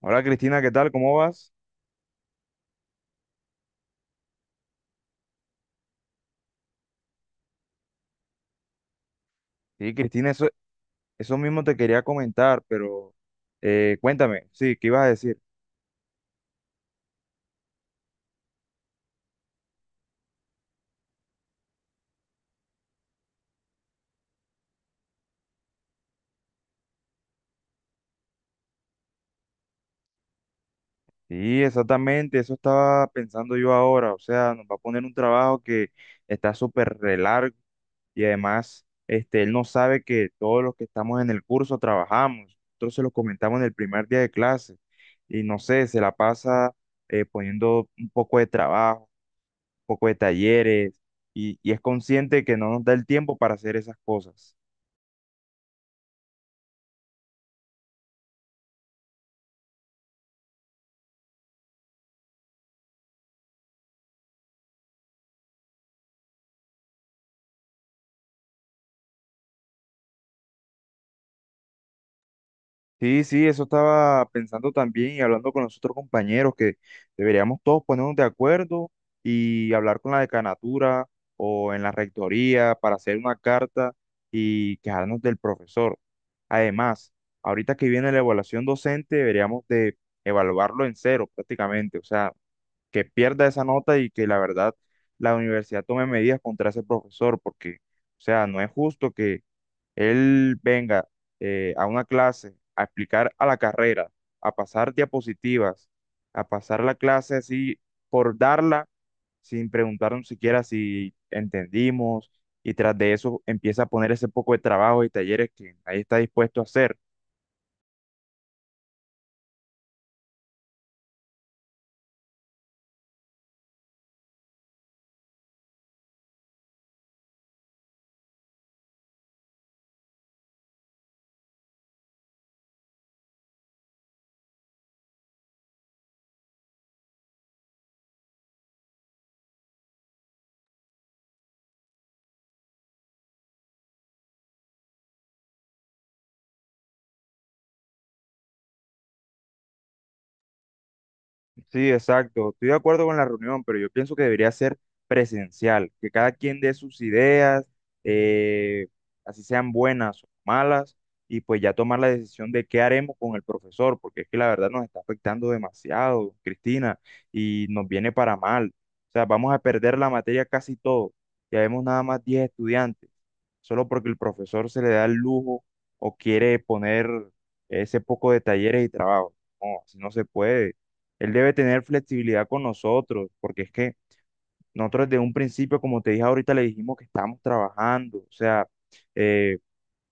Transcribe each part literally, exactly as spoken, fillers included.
Hola Cristina, ¿qué tal? ¿Cómo vas? Sí, Cristina, eso, eso mismo te quería comentar, pero eh, cuéntame, sí, ¿qué ibas a decir? Sí, exactamente, eso estaba pensando yo ahora, o sea, nos va a poner un trabajo que está súper re largo y además este, él no sabe que todos los que estamos en el curso trabajamos, nosotros se lo comentamos en el primer día de clase y no sé, se la pasa eh, poniendo un poco de trabajo, un poco de talleres y, y es consciente que no nos da el tiempo para hacer esas cosas. Sí, sí, eso estaba pensando también y hablando con los otros compañeros que deberíamos todos ponernos de acuerdo y hablar con la decanatura o en la rectoría para hacer una carta y quejarnos del profesor. Además, ahorita que viene la evaluación docente, deberíamos de evaluarlo en cero prácticamente, o sea, que pierda esa nota y que la verdad la universidad tome medidas contra ese profesor porque, o sea, no es justo él venga eh, a una clase a explicar a la carrera, a pasar diapositivas, a pasar la clase así por darla sin preguntarnos siquiera si entendimos y tras de eso empieza a poner ese poco de trabajo y talleres que ahí está dispuesto a hacer. Sí, exacto. Estoy de acuerdo con la reunión, pero yo pienso que debería ser presencial, que cada quien dé sus ideas, eh, así sean buenas o malas, y pues ya tomar la decisión de qué haremos con el profesor, porque es que la verdad nos está afectando demasiado, Cristina, y nos viene para mal. O sea, vamos a perder la materia casi todo. Ya vemos nada más diez estudiantes, solo porque el profesor se le da el lujo o quiere poner ese poco de talleres y trabajos. No, así no se puede. Él debe tener flexibilidad con nosotros, porque es que nosotros desde un principio, como te dije ahorita, le dijimos que estamos trabajando, o sea, eh,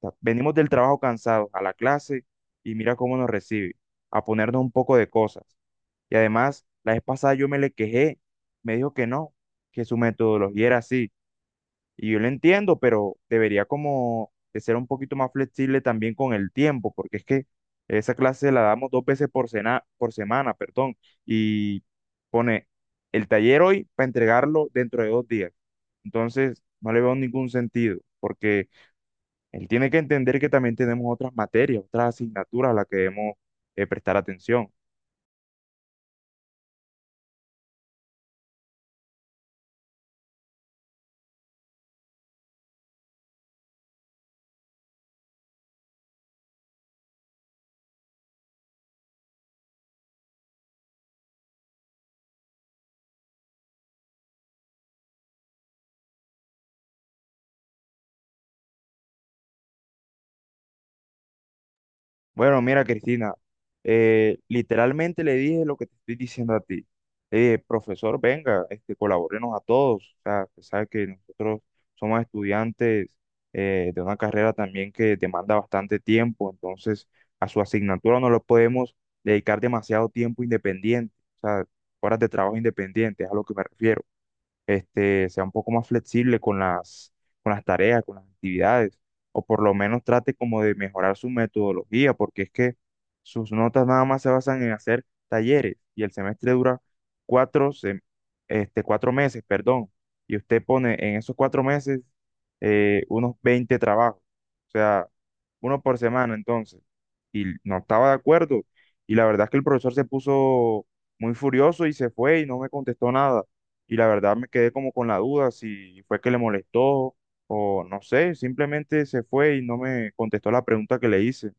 ta- venimos del trabajo cansados a la clase y mira cómo nos recibe, a ponernos un poco de cosas. Y además, la vez pasada yo me le quejé, me dijo que no, que su metodología era así. Y yo lo entiendo, pero debería como de ser un poquito más flexible también con el tiempo, porque es que esa clase la damos dos veces por, sena- por semana, perdón, y pone el taller hoy para entregarlo dentro de dos días. Entonces, no le veo ningún sentido, porque él tiene que entender que también tenemos otras materias, otras asignaturas a las que debemos eh, prestar atención. Bueno, mira, Cristina, eh, literalmente le dije lo que te estoy diciendo a ti. Le dije, profesor, venga, este, colaborenos a todos. O sea, usted sabe que nosotros somos estudiantes eh, de una carrera también que demanda bastante tiempo, entonces a su asignatura no le podemos dedicar demasiado tiempo independiente, o sea, horas de trabajo independiente, es a lo que me refiero este, sea un poco más flexible con las, con las tareas, con las actividades, o por lo menos trate como de mejorar su metodología, porque es que sus notas nada más se basan en hacer talleres y el semestre dura cuatro, sem- este, cuatro meses, perdón, y usted pone en esos cuatro meses eh, unos veinte trabajos, o sea, uno por semana entonces, y no estaba de acuerdo, y la verdad es que el profesor se puso muy furioso y se fue y no me contestó nada y la verdad me quedé como con la duda si fue que le molestó o no sé, simplemente se fue y no me contestó la pregunta que le hice.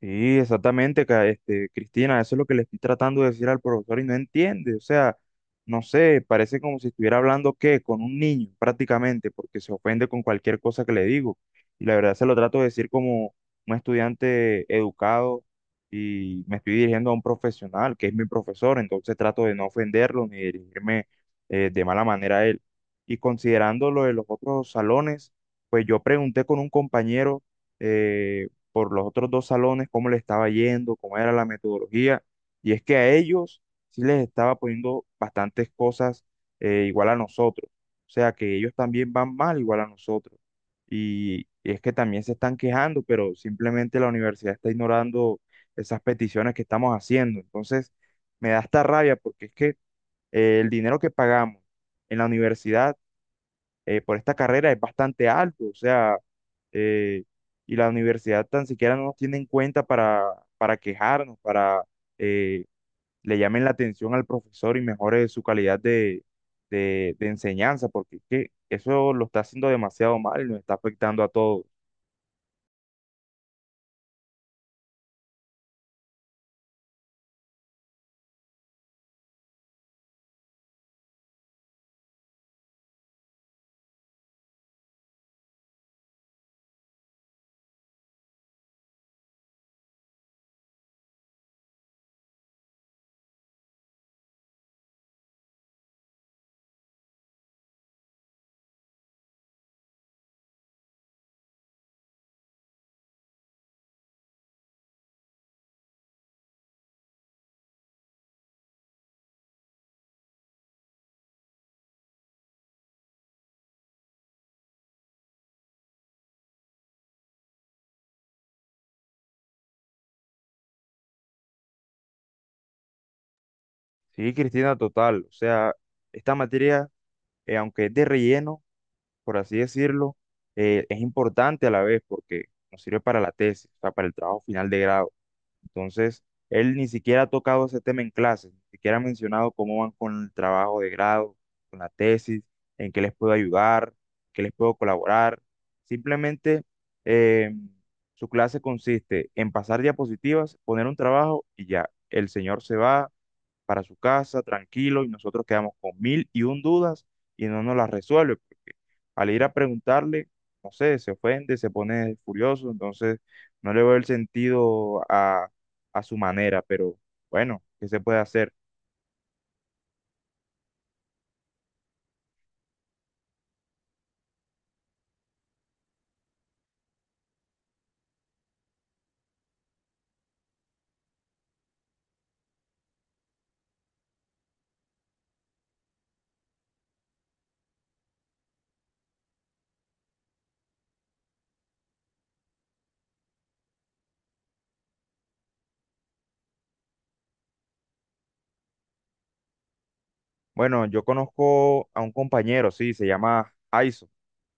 Sí, exactamente, ca- este, Cristina, eso es lo que le estoy tratando de decir al profesor y no entiende, o sea, no sé, parece como si estuviera hablando qué, con un niño prácticamente, porque se ofende con cualquier cosa que le digo. Y la verdad se lo trato de decir como un estudiante educado y me estoy dirigiendo a un profesional, que es mi profesor, entonces trato de no ofenderlo ni dirigirme eh, de mala manera a él. Y considerando lo de los otros salones, pues yo pregunté con un compañero. eh, por los otros dos salones cómo le estaba yendo, cómo era la metodología. Y es que a ellos sí les estaba poniendo bastantes cosas eh, igual a nosotros. O sea, que ellos también van mal igual a nosotros. Y, y es que también se están quejando, pero simplemente la universidad está ignorando esas peticiones que estamos haciendo. Entonces, me da esta rabia porque es que eh, el dinero que pagamos en la universidad eh, por esta carrera es bastante alto, o sea, eh, y la universidad tan siquiera no nos tiene en cuenta para, para quejarnos, para eh, le llamen la atención al profesor y mejore su calidad de, de, de enseñanza, porque es que eso lo está haciendo demasiado mal y nos está afectando a todos. Sí, Cristina, total, o sea, esta materia, eh, aunque es de relleno, por así decirlo, eh, es importante a la vez porque nos sirve para la tesis, o sea, para el trabajo final de grado. Entonces, él ni siquiera ha tocado ese tema en clase, ni siquiera ha mencionado cómo van con el trabajo de grado, con la tesis, en qué les puedo ayudar, qué les puedo colaborar. Simplemente eh, su clase consiste en pasar diapositivas, poner un trabajo y ya. El señor se va, para su casa, tranquilo, y nosotros quedamos con mil y un dudas y no nos las resuelve, porque al ir a preguntarle, no sé, se ofende, se pone furioso, entonces no le veo el sentido a, a su manera, pero bueno, ¿qué se puede hacer? Bueno, yo conozco a un compañero, sí, se llama Aiso.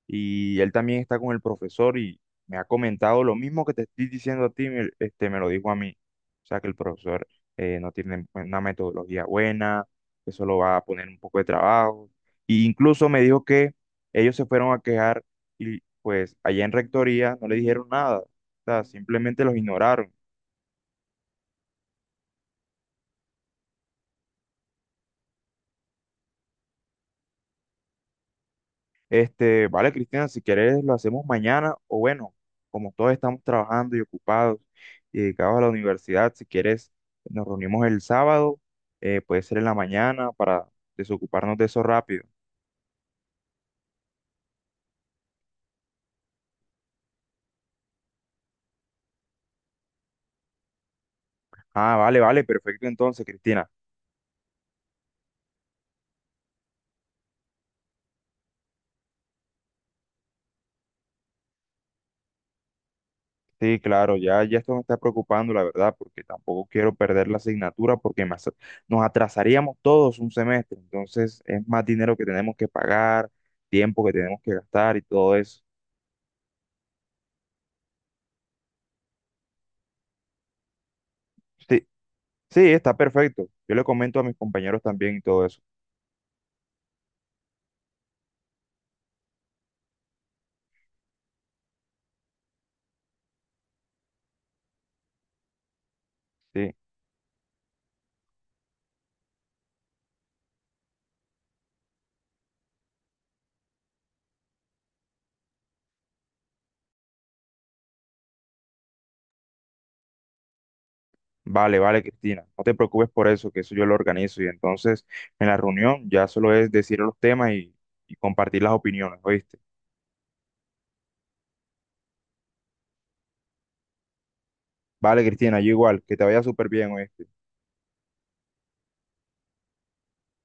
Y él también está con el profesor y me ha comentado lo mismo que te estoy diciendo a ti, me- este, me lo dijo a mí. O sea, que el profesor eh, no tiene una metodología buena, que solo va a poner un poco de trabajo. Y incluso me dijo que ellos se fueron a quejar y pues allá en rectoría no le dijeron nada. O sea, simplemente los ignoraron. Este, vale, Cristian, si quieres lo hacemos mañana o bueno, como todos estamos trabajando y ocupados y dedicados a la universidad, si quieres nos reunimos el sábado, eh, puede ser en la mañana para desocuparnos de eso rápido. Ah, vale, vale, perfecto entonces, Cristina. Sí, claro, ya, ya esto me está preocupando, la verdad, porque tampoco quiero perder la asignatura porque me asa- nos atrasaríamos todos un semestre, entonces es más dinero que tenemos que pagar, tiempo que tenemos que gastar y todo eso. Sí, sí, está perfecto. Yo le comento a mis compañeros también y todo eso. Sí, vale, vale, Cristina. No te preocupes por eso, que eso yo lo organizo. Y entonces en la reunión ya solo es decir los temas y, y compartir las opiniones, ¿oíste? Vale, Cristina, yo igual. Que te vaya súper bien, ¿oíste?